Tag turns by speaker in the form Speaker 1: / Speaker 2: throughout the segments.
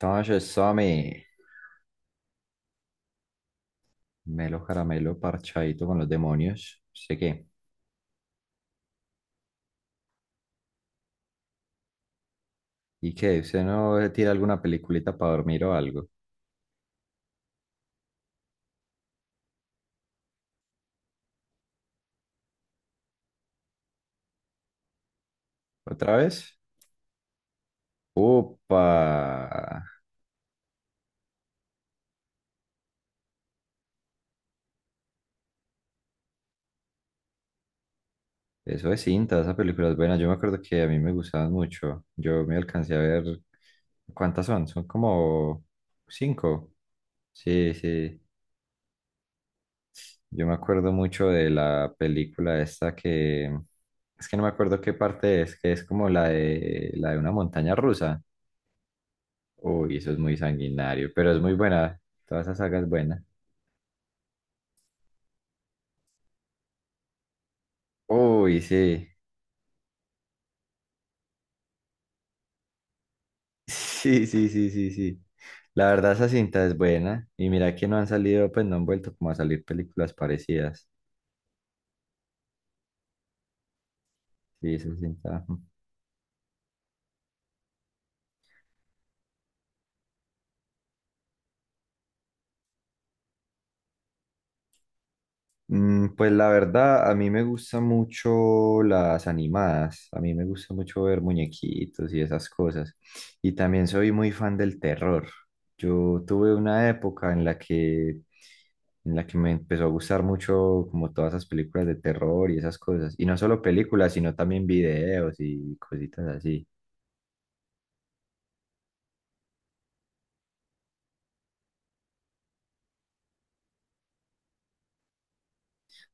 Speaker 1: Entonces, eso me melo caramelo parchadito con los demonios. No sé qué. ¿Y qué? ¿Usted no tira alguna peliculita para dormir o algo? ¿Otra vez? ¡Upa! Eso es cinta, esa película es buena. Yo me acuerdo que a mí me gustaban mucho. Yo me alcancé a ver. ¿Cuántas son? Son como cinco. Sí, sí. Yo me acuerdo mucho de la película esta que. Es que no me acuerdo qué parte es, que es como la de una montaña rusa. Uy, eso es muy sanguinario, pero es muy buena. Toda esa saga es buena. Uy, sí. Sí, sí, sí, sí, sí. La verdad, esa cinta es buena. Y mira que no han salido, pues no han vuelto como a salir películas parecidas. Sí, esa cinta. Mm, pues la verdad, a mí me gustan mucho las animadas, a mí me gusta mucho ver muñequitos y esas cosas. Y también soy muy fan del terror. Yo tuve una época en la que me empezó a gustar mucho como todas esas películas de terror y esas cosas. Y no solo películas, sino también videos y cositas así.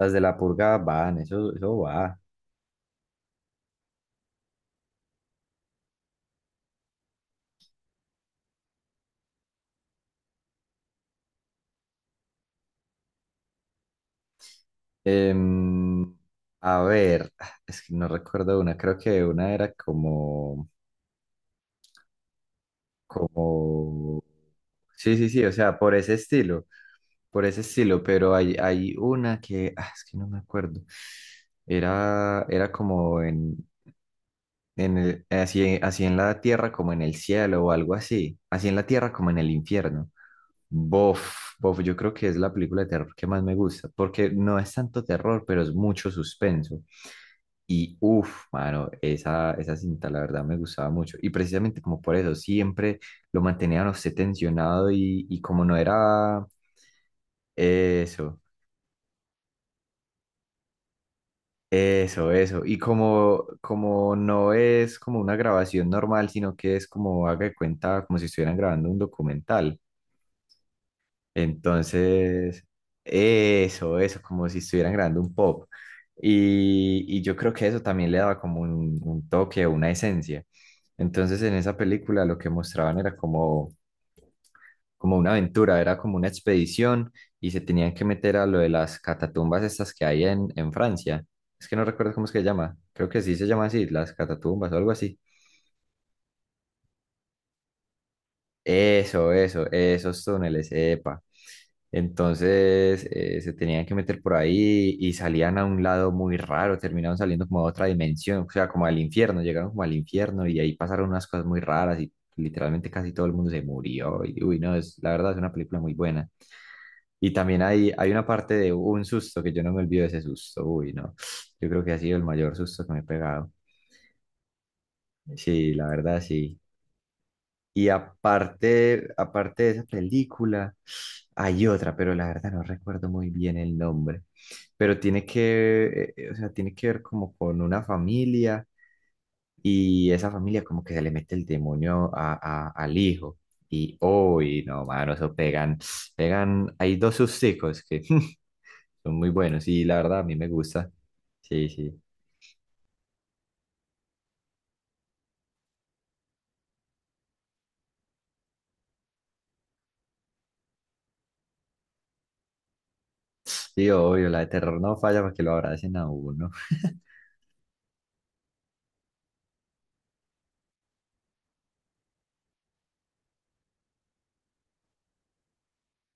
Speaker 1: Las de la purga van, eso va. Em, a ver, es que no recuerdo una, creo que una era como... Como... Sí, sí, sí, o sea, por ese estilo, pero hay una que, ah, es que no me acuerdo, era como en el- así, así en la tierra como en el cielo o algo así, así en la tierra como en el infierno. Bof, bof, yo creo que es la película de terror que más me gusta, porque no es tanto terror, pero es mucho suspenso. Y uff, mano, esa cinta la verdad me gustaba mucho. Y precisamente como por eso, siempre lo mantenían a usted tensionado y como no era eso, eso, eso. Y como, como no es como una grabación normal, sino que es como haga de cuenta, como si estuvieran grabando un documental. Entonces, eso, como si estuvieran grabando un pop. Y yo creo que eso también le daba como un toque una esencia. Entonces, en esa película lo que mostraban era como, como una aventura, era como una expedición y se tenían que meter a lo de las catatumbas estas que hay en Francia. Es que no recuerdo cómo es que se llama. Creo que sí se llama así, las catatumbas o algo así. Eso, esos túneles, epa. Entonces se tenían que meter por ahí y salían a un lado muy raro, terminaron saliendo como a otra dimensión, o sea, como al infierno, llegaron como al infierno y ahí pasaron unas cosas muy raras y literalmente casi todo el mundo se murió. Y, uy, no, es, la verdad es una película muy buena. Y también hay una parte de un susto que yo no me olvido de ese susto, uy, no, yo creo que ha sido el mayor susto que me he pegado. Sí, la verdad, sí. Y aparte de esa película, hay otra, pero la verdad no recuerdo muy bien el nombre. Pero tiene que, o sea, tiene que ver como con una familia y esa familia como que se le mete el demonio a- al hijo. Y uy no, mano, eso pegan, pegan, hay dos susticos que son muy buenos y la verdad a mí me gusta. Sí, sí. Sí, obvio, la de terror no falla para que lo abracen a uno.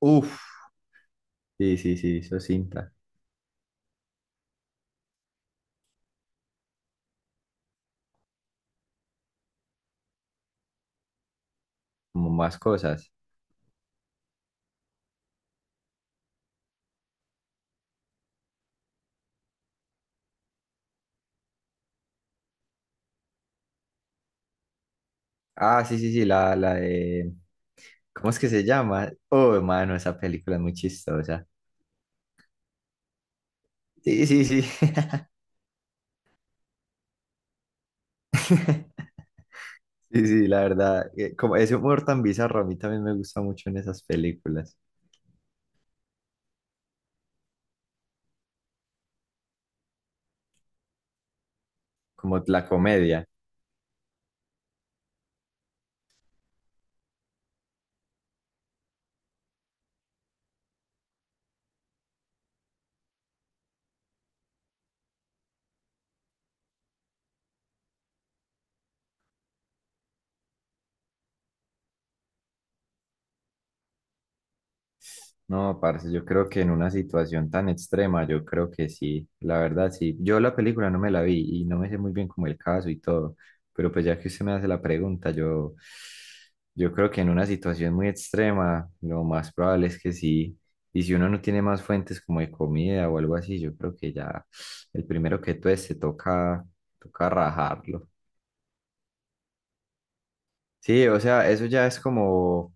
Speaker 1: Uf, sí, sí, sí, eso cinta, como más cosas. Ah, sí, sí, sí, la de... ¿Cómo es que se llama? Oh, hermano, esa película es muy chistosa. Sí, sí, sí. Sí, sí, la verdad. Como ese humor tan bizarro a mí también me gusta mucho en esas películas. Como la comedia. No, parce, yo creo que en una situación tan extrema, yo creo que sí, la verdad sí. Yo la película no me la vi y no me sé muy bien como el caso y todo, pero pues ya que usted me hace la pregunta, yo creo que en una situación muy extrema, lo más probable es que sí. Y si uno no tiene más fuentes como de comida o algo así, yo creo que ya el primero que tueste toca, toca rajarlo. Sí, o sea, eso ya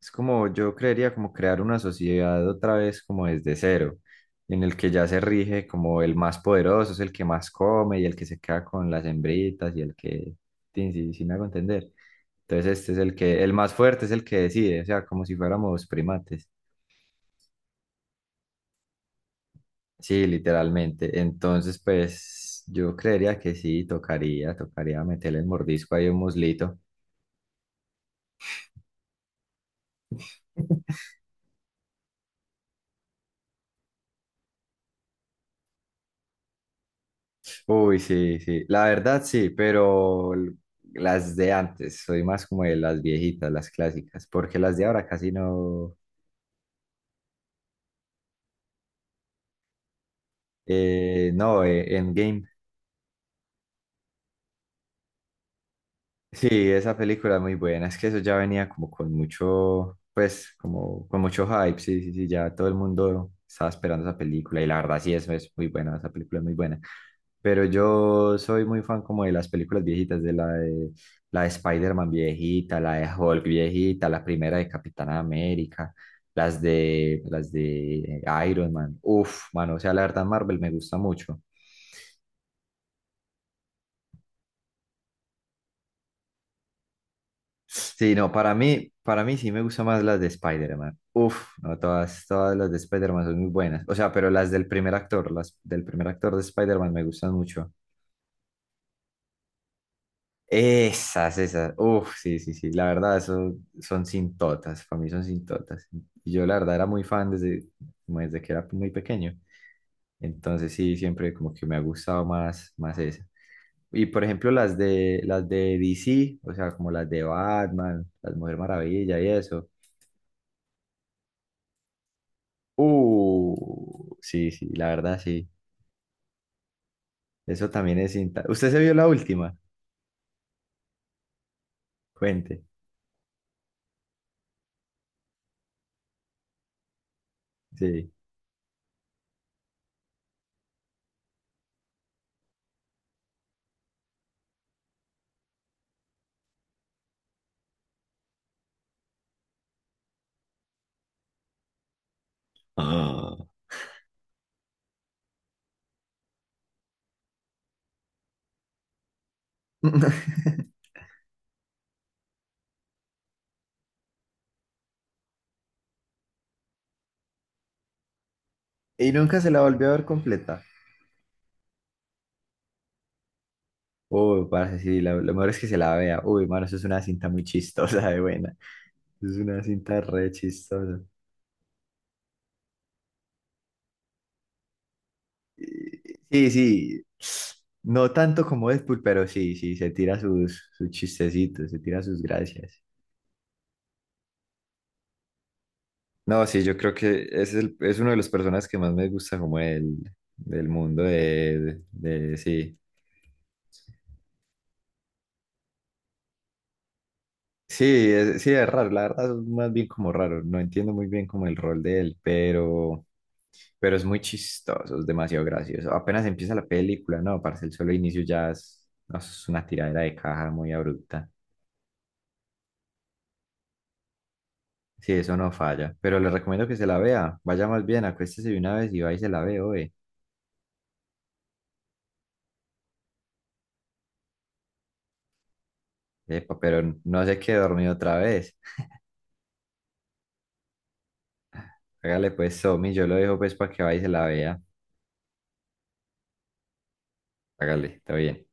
Speaker 1: es como yo creería como crear una sociedad otra vez como desde cero, en el que ya se rige como el más poderoso es el que más come y el que se queda con las hembritas y el que, sí, sí, sí me hago entender. Entonces este es el que, el más fuerte es el que decide, o sea, como si fuéramos primates. Sí, literalmente. Entonces, pues yo creería que sí, tocaría, tocaría meterle el mordisco ahí a un muslito. Uy, sí, sí. La verdad sí, pero l- las de antes, soy más como de las viejitas, las clásicas, porque las de ahora casi no. No, Endgame. Sí, esa película es muy buena, es que eso ya venía como con mucho, pues, como con mucho hype, sí, sí, sí, ya todo el mundo estaba esperando esa película y la verdad sí, eso es muy buena, esa película es muy buena. Pero yo soy muy fan como de las películas viejitas, de la de Spider-Man viejita, la de Hulk viejita, la primera de Capitana América, las de Iron Man, uf, mano, o sea, la verdad Marvel me gusta mucho. Sí, no, para mí sí me gustan más las de Spider-Man. Uf, no, todas, todas las de Spider-Man son muy buenas. O sea, pero las del primer actor de Spider-Man me gustan mucho. Esas, esas. Uf, sí, sí, sí. La verdad, eso son sintotas. Para mí son sintotas. Y yo la verdad era muy fan desde, como desde que era muy pequeño. Entonces sí, siempre como que me ha gustado más, más esa. Y por ejemplo, las de DC, o sea, como las de Batman, las Mujer Maravilla y eso. Sí, sí, la verdad sí. Eso también es cinta. ¿Usted se vio la última? Cuente. Sí. Ah, Y nunca se la volvió a ver completa. Uy, parce, sí, la- lo mejor es que se la vea. Uy, mano, eso es una cinta muy chistosa de buena. Es una cinta re chistosa. Sí, sí. No tanto como Deadpool, pero sí, sí, se tira sus chistecitos, se tira sus gracias. No, sí, yo creo que es, el- es uno de los personajes que más me gusta como el, del mundo de sí. Sí, es raro, la verdad es más bien como raro, no entiendo muy bien como el rol de él, pero es muy chistoso, es demasiado gracioso. Apenas empieza la película, no, parce, el solo inicio ya es, no, es una tiradera de caja muy abrupta. Sí, eso no falla, pero le recomiendo que se la vea, vaya más bien, acuéstese de una vez y va y se la ve, oye. Epa, pero no se quede dormido otra vez. Hágale pues, Somi, yo lo dejo pues para que vaya y se la vea. Hágale, está bien.